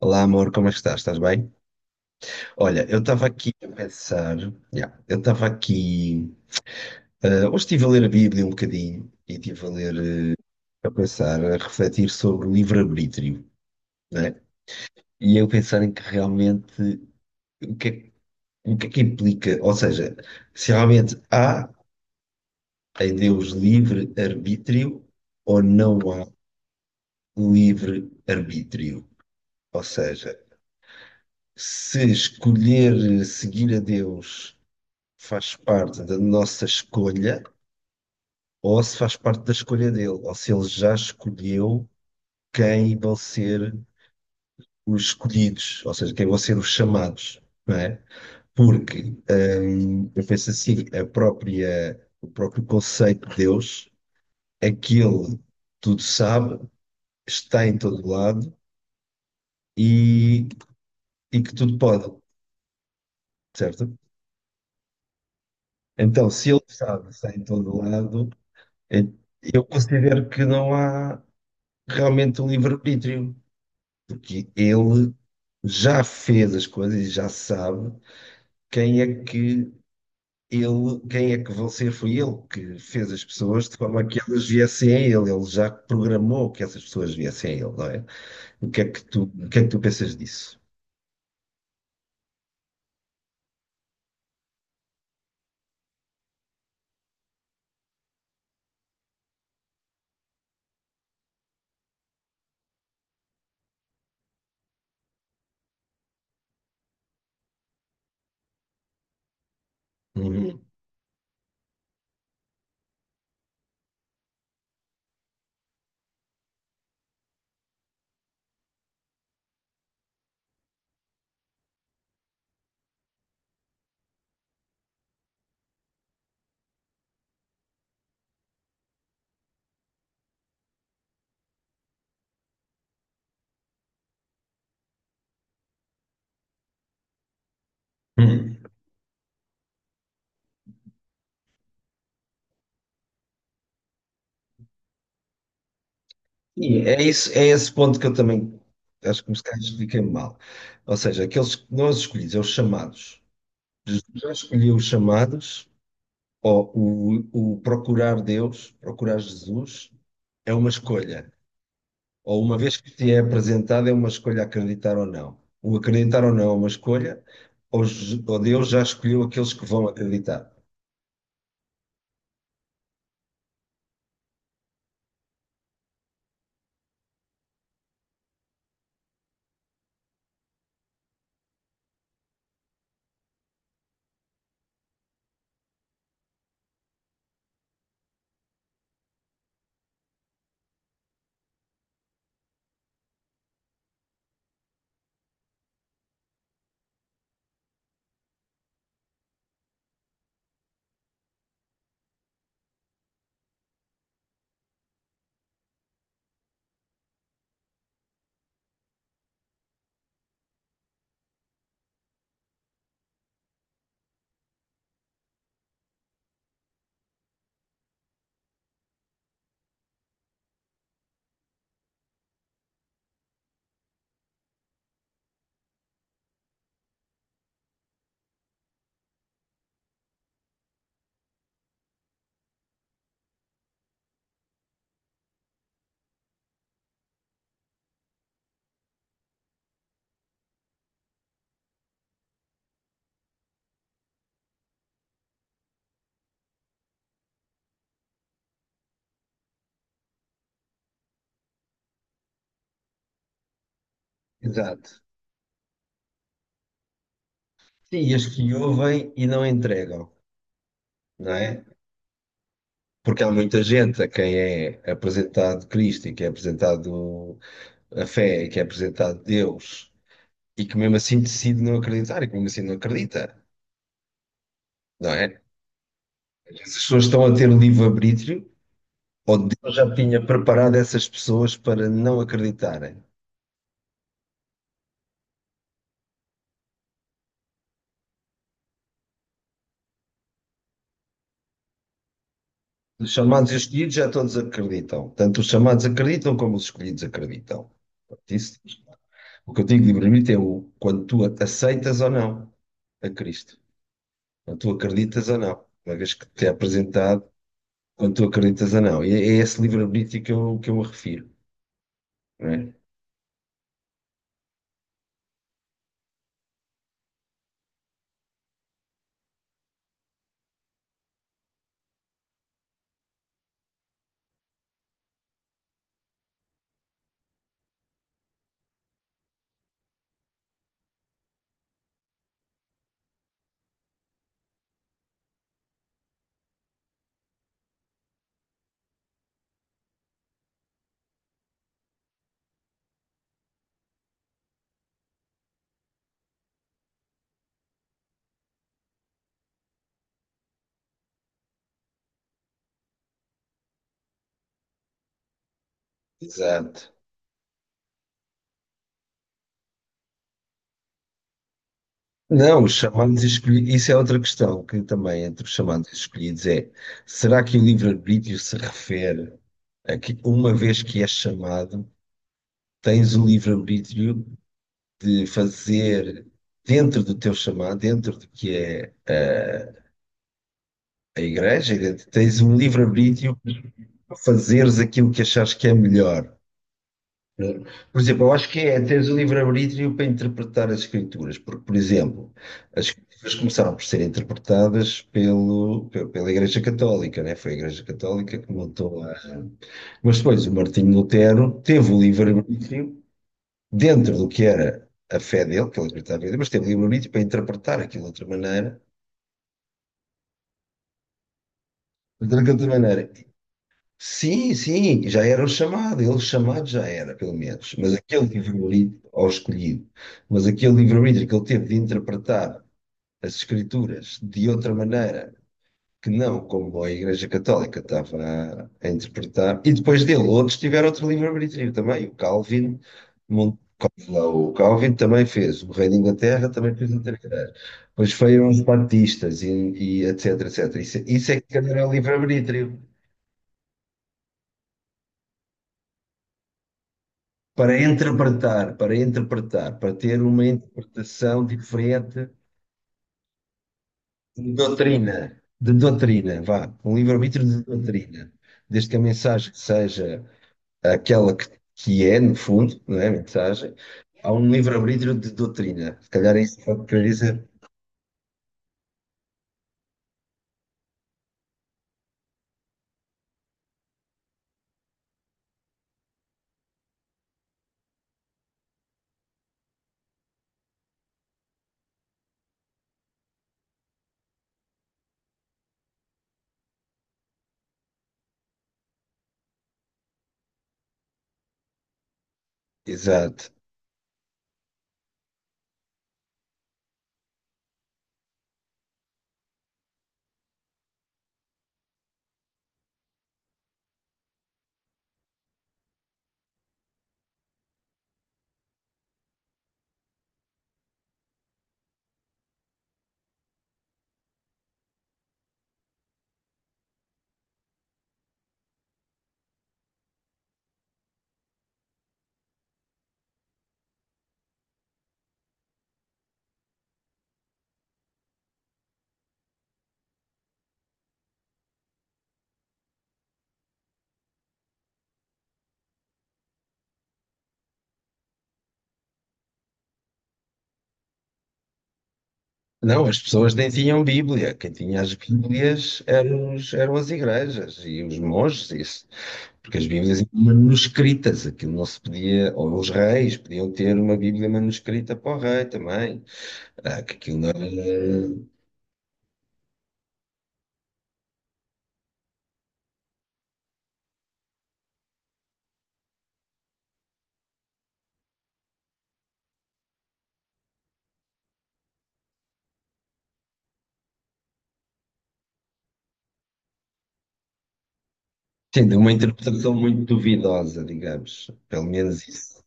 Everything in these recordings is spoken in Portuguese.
Olá amor, como é que estás? Estás bem? Olha, eu estava aqui a pensar, yeah, eu estava aqui, hoje estive a ler a Bíblia um bocadinho e estive a ler, a pensar, a refletir sobre o livre-arbítrio, né? E eu pensar em que realmente, o que é, o que é que implica, ou seja, se realmente há em Deus livre-arbítrio ou não há livre-arbítrio. Ou seja, se escolher seguir a Deus faz parte da nossa escolha ou se faz parte da escolha dele, ou se ele já escolheu quem vão ser os escolhidos, ou seja, quem vão ser os chamados, não é? Porque eu penso assim, a própria, o próprio conceito de Deus, aquele tudo sabe, está em todo lado e, e que tudo pode, certo? Então, se ele sabe, está em todo lado, é, eu considero que não há realmente um livre-arbítrio. Porque ele já fez as coisas e já sabe quem é que quem é que vão ser. Foi ele que fez as pessoas de forma que elas viessem a ele. Ele já programou que essas pessoas viessem a ele, não é? O que é que tu pensas disso? Uhum. Uhum. E é isso, é esse ponto que eu também acho que os caras ficam mal. Ou seja, aqueles que nós escolhidos, é os chamados. Jesus já escolheu os chamados. Ó, o procurar Deus, procurar Jesus, é uma escolha. Ou uma vez que te é apresentado, é uma escolha acreditar ou não. O acreditar ou não é uma escolha, ou Deus já escolheu aqueles que vão acreditar. Exato. Sim, e as que ouvem e não entregam, não é? Porque há muita gente a quem é apresentado Cristo e que é apresentado a fé e que é apresentado Deus e que mesmo assim decide não acreditar e que mesmo assim não acredita, não é? Essas pessoas estão a ter livre-arbítrio, ou Deus já tinha preparado essas pessoas para não acreditarem. Os chamados e os escolhidos já todos acreditam. Tanto os chamados acreditam como os escolhidos acreditam. Portanto, o que eu digo de livre-arbítrio é quando tu aceitas ou não a Cristo. Quando tu acreditas ou não. Uma vez que te é apresentado, quando tu acreditas ou não. E é esse livre-arbítrio que eu me refiro, não é? Exato. Não, os chamados e escolhidos, isso é outra questão que também entre os chamados e escolhidos é: será que o livre-arbítrio se refere a que, uma vez que és chamado, tens o livre-arbítrio de fazer dentro do teu chamado, dentro do que é a igreja, e tens um livre-arbítrio para fazeres aquilo que achares que é melhor? Por exemplo, eu acho que é teres o livre-arbítrio para interpretar as escrituras, porque, por exemplo, as escrituras começaram por ser interpretadas pela Igreja Católica, né? Foi a Igreja Católica que montou a. Mas depois o Martinho Lutero teve o livre-arbítrio dentro do que era a fé dele, que ele acreditava em Deus, mas teve o livre-arbítrio para interpretar aquilo de outra maneira. De outra maneira. Sim, sim, já era o chamado, ele chamado já era, pelo menos. Mas aquele livro-livro, ao escolhido, mas aquele livro-livro que ele teve de interpretar as Escrituras de outra maneira, que não como a Igreja Católica estava a interpretar, e depois dele, outros tiveram outro livro-livro também. O Calvin, Mon- lá, o Calvin também fez, o Rei da Inglaterra também fez outra coisa. Depois foram os Batistas e etc, etc. Isso é que era livre livro para interpretar, para interpretar, para ter uma interpretação diferente de doutrina, vá, um livre-arbítrio de doutrina, desde que a mensagem seja aquela que é, no fundo, não é a mensagem, há um livre-arbítrio de doutrina, se calhar é isso que eu queria dizer. Exato. Não, as pessoas nem tinham Bíblia, quem tinha as Bíblias eram as igrejas e os monges, isso. Porque as Bíblias eram manuscritas, aquilo não se podia, ou os reis podiam ter uma Bíblia manuscrita para o rei também. Ah, que aquilo não era, tendo uma interpretação muito duvidosa, digamos, pelo menos isso.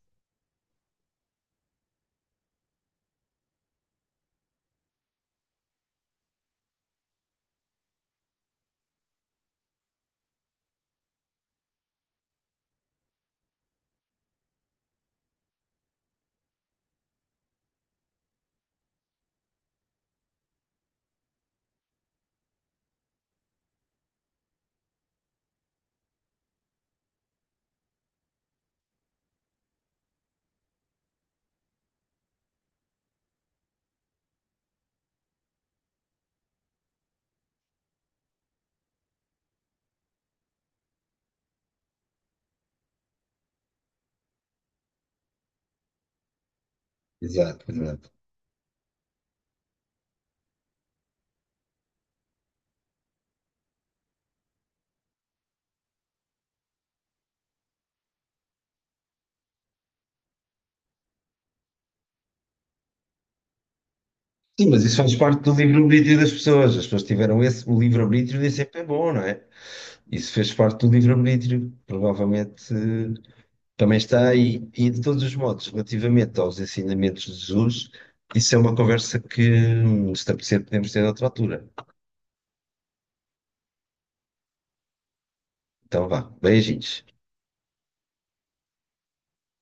Exato, exato. Sim, mas isso faz parte do livre-arbítrio das pessoas, as pessoas tiveram esse, o livre-arbítrio nem sempre é bom, não é? Isso fez parte do livre-arbítrio, provavelmente também está aí, e de todos os modos, relativamente aos ensinamentos de Jesus, isso é uma conversa que se te podemos ter noutra altura. Então vá, beijinhos.